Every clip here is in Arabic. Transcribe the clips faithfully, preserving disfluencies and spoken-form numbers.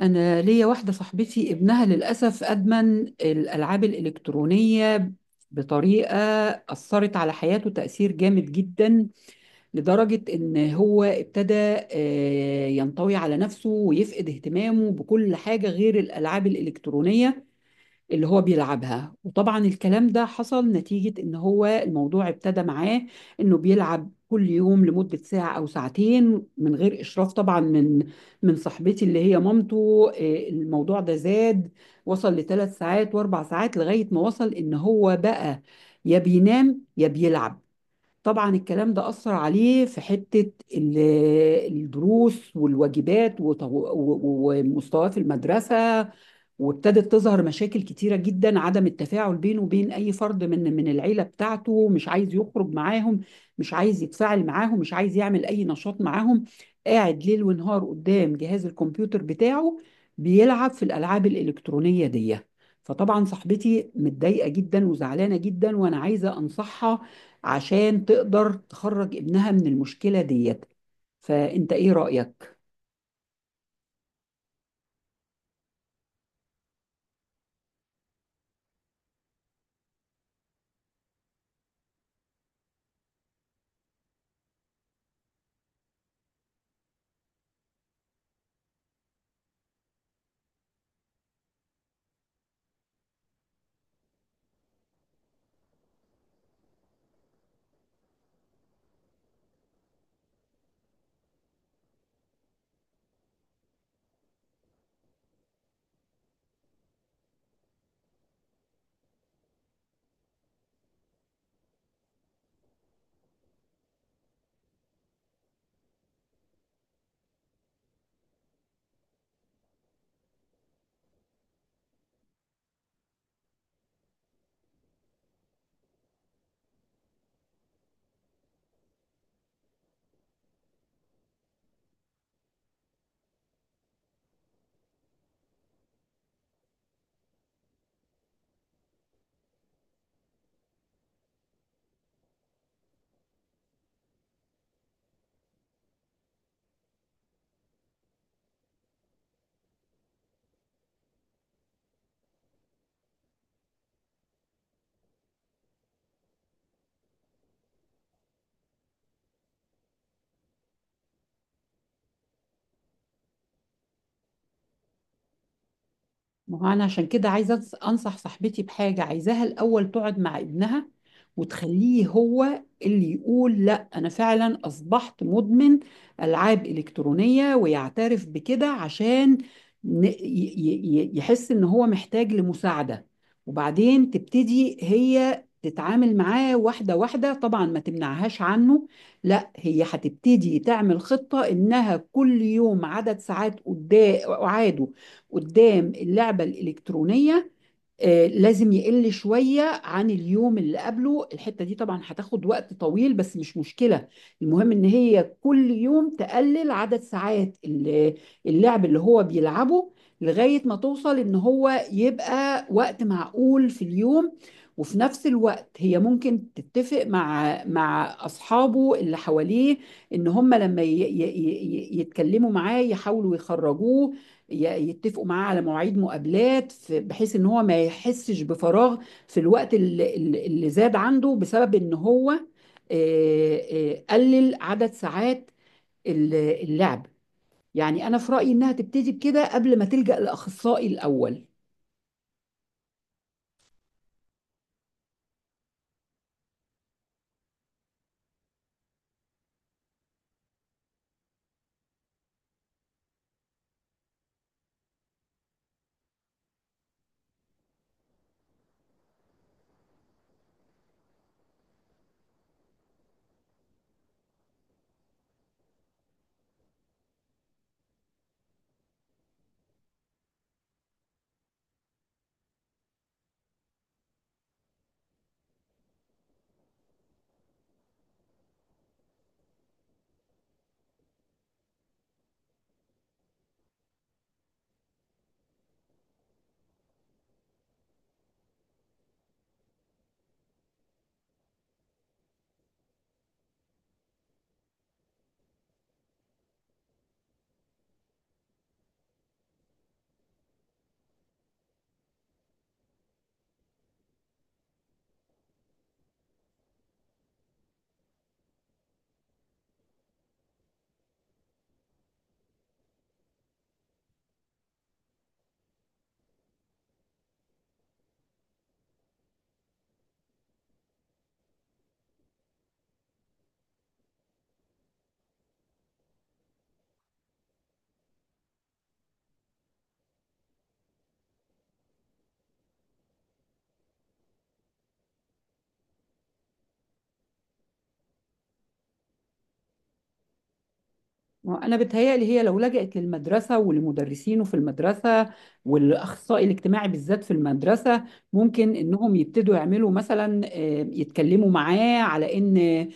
أنا ليا واحدة صاحبتي ابنها للأسف أدمن الألعاب الإلكترونية بطريقة أثرت على حياته تأثير جامد جدا، لدرجة إن هو ابتدى آه، ينطوي على نفسه ويفقد اهتمامه بكل حاجة غير الألعاب الإلكترونية اللي هو بيلعبها. وطبعا الكلام ده حصل نتيجة ان هو الموضوع ابتدى معاه انه بيلعب كل يوم لمدة ساعة او ساعتين من غير اشراف، طبعا من من صاحبتي اللي هي مامته. آه، الموضوع ده زاد، وصل لثلاث ساعات واربع ساعات لغاية ما وصل ان هو بقى يا بينام يا بيلعب. طبعا الكلام ده أثر عليه في حتة ال- الدروس والواجبات وط- و- و- ومستواه في المدرسة. وابتدت تظهر مشاكل كتيرة جدا، عدم التفاعل بينه وبين أي فرد من من العيلة بتاعته، مش عايز يخرج معاهم، مش عايز يتفاعل معاهم، مش عايز يعمل أي نشاط معاهم، قاعد ليل ونهار قدام جهاز الكمبيوتر بتاعه بيلعب في الألعاب الإلكترونية دي. فطبعا صاحبتي متضايقة جدا وزعلانة جدا، وأنا عايزة أنصحها عشان تقدر تخرج ابنها من المشكلة ديت. فأنت إيه رأيك؟ ما هو انا عشان كده عايزه أنص- انصح صاحبتي بحاجه، عايزاها الاول تقعد مع ابنها وتخليه هو اللي يقول لا انا فعلا اصبحت مدمن العاب الكترونيه، ويعترف بكده عشان ن- ي- ي- ي- يحس ان هو محتاج لمساعده. وبعدين تبتدي هي تتعامل معاه واحده واحده، طبعا ما تمنعهاش عنه، لا هي هتبتدي تعمل خطه انها كل يوم عدد ساعات قدام اعاده قدام اللعبة الإلكترونية. آه، لازم يقل شوية عن اليوم اللي قبله. الحتة دي طبعا هتاخد وقت طويل بس مش مشكلة. المهم إن هي كل يوم تقلل عدد ساعات ال- اللعب اللي هو بيلعبه لغاية ما توصل إن هو يبقى وقت معقول في اليوم. وفي نفس الوقت هي ممكن تتفق مع مع أصحابه اللي حواليه إن هم لما ي- ي- ي- يتكلموا معاه يحاولوا يخرجوه، ي- يتفقوا معاه على مواعيد مقابلات ف- بحيث ان هو ما يحسش بفراغ في الوقت اللي, اللي اللي زاد عنده بسبب ان هو آه، آه، قلل عدد ساعات ال- اللعب. يعني انا في رأيي انها تبتدي بكده قبل ما تلجأ لأخصائي الأول. انا بتهيألي هي لو لجأت للمدرسه ولمدرسينه في المدرسه والاخصائي الاجتماعي بالذات في المدرسه، ممكن انهم يبتدوا يعملوا مثلا آه، يتكلموا معاه على ان آه،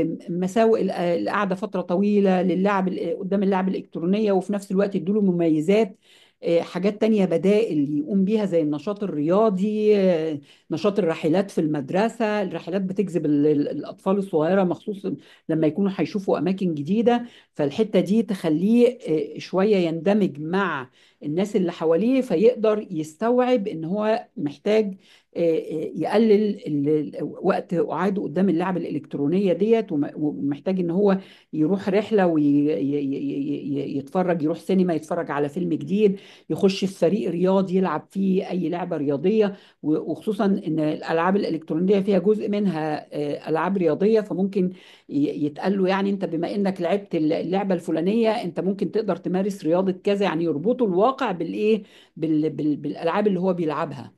آه، مساوئ الق- القعده فتره طويله للعب ال- قدام اللعب الالكترونيه، وفي نفس الوقت يدوا له مميزات. آه، حاجات تانية بدائل يقوم بيها زي النشاط الرياضي، آه، نشاط الرحلات في المدرسة. الرحلات بتجذب ال- ال- الأطفال الصغيرة مخصوص لما يكونوا هيشوفوا أماكن جديدة. فالحتة دي تخليه آه، شوية يندمج مع الناس اللي حواليه، فيقدر يستوعب ان هو محتاج آه، آه، يقلل ال- ال- وقت قعاده قدام اللعبة الإلكترونية ديت، وم- ومحتاج ان هو يروح رحلة ويتفرج، يروح سينما يتفرج على فيلم جديد، يخش في فريق رياضي يلعب فيه أي لعبة رياضية. و- وخصوصا ان الالعاب الالكترونيه فيها جزء منها آه، العاب رياضيه، فممكن ي- يتقال له يعني انت بما انك لعبت اللعبه الفلانيه انت ممكن تقدر تمارس رياضه كذا. يعني يربطوا الواقع بالايه، بال... بال... بالالعاب اللي هو بيلعبها.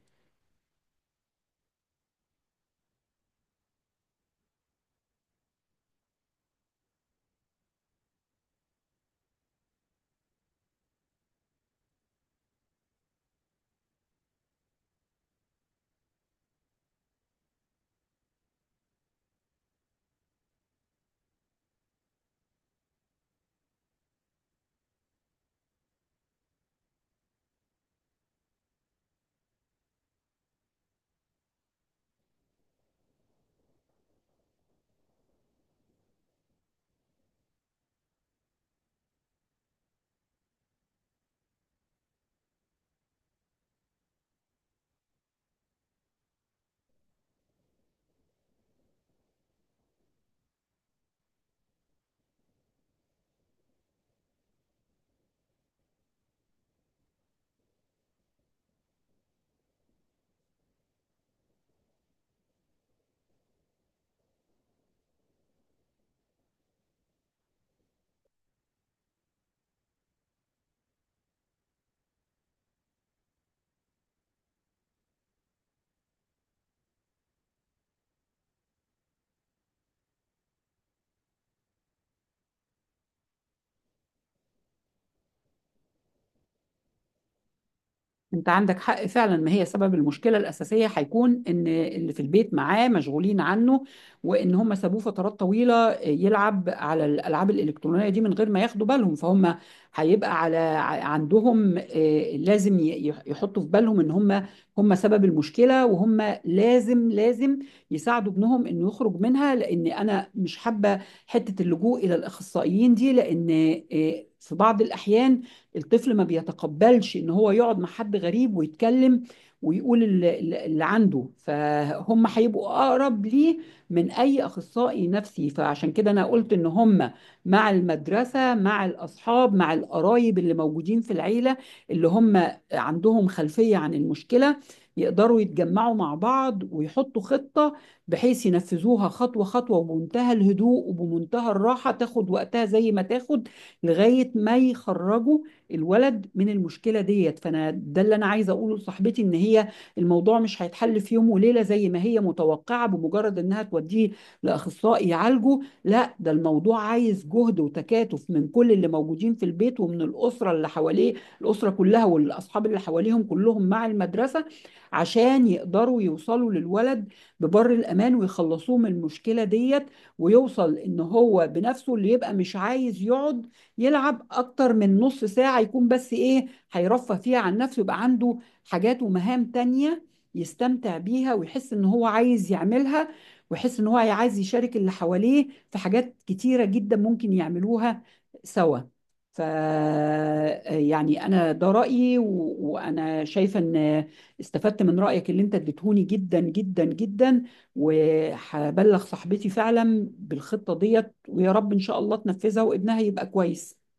انت عندك حق فعلا. ما هي سبب المشكله الاساسيه هيكون ان اللي في البيت معاه مشغولين عنه، وان هم سابوه فترات طويله يلعب على الالعاب الالكترونيه دي من غير ما ياخدوا بالهم. فهم هيبقى على ع- عندهم، آه، لازم ي- يح- يحطوا في بالهم ان هم هم سبب المشكله، وهم لازم لازم يساعدوا ابنهم انه يخرج منها. لان انا مش حابه حته اللجوء الى الاخصائيين دي، لان آه، في بعض الاحيان الطفل ما بيتقبلش ان هو يقعد مع حد غريب ويتكلم. ويقول ال- ال- اللي عنده فهم هيبقوا اقرب ليه من اي اخصائي نفسي. فعشان كده انا قلت ان هم مع المدرسه، مع الاصحاب، مع القرايب اللي موجودين في العيله، اللي هم عندهم خلفيه عن المشكله، يقدروا يتجمعوا مع بعض ويحطوا خطه بحيث ينفذوها خطوه خطوه، وبمنتهى الهدوء وبمنتهى الراحه، تاخد وقتها زي ما تاخد لغايه ما يخرجوا الولد من المشكله ديت. فانا ده اللي انا عايزه اقوله لصاحبتي، ان هي الموضوع مش هيتحل في يوم وليله زي ما هي متوقعه بمجرد انها توديه لاخصائي يعالجه. لا ده الموضوع عايز جهد وتكاتف من كل اللي موجودين في البيت ومن الاسره اللي حواليه، الاسره كلها والاصحاب اللي حواليهم كلهم مع المدرسه، عشان يقدروا يوصلوا للولد ببر الامان ويخلصوه من المشكله ديت، ويوصل ان هو بنفسه اللي يبقى مش عايز يقعد يلعب اكتر من نص ساعة. يكون بس ايه هيرفه فيها عن نفسه، يبقى عنده حاجات ومهام تانية يستمتع بيها ويحس ان هو عايز يعملها، ويحس ان هو عايز يشارك اللي حواليه في حاجات كتيرة جدا ممكن يعملوها سوا. ف يعني انا ده رأيي و... وانا شايفة ان استفدت من رأيك اللي انت اديتهوني جدا جدا جدا. وهبلغ صاحبتي فعلا بالخطة ديت، ويا رب إن شاء الله تنفذها وابنها يبقى كويس.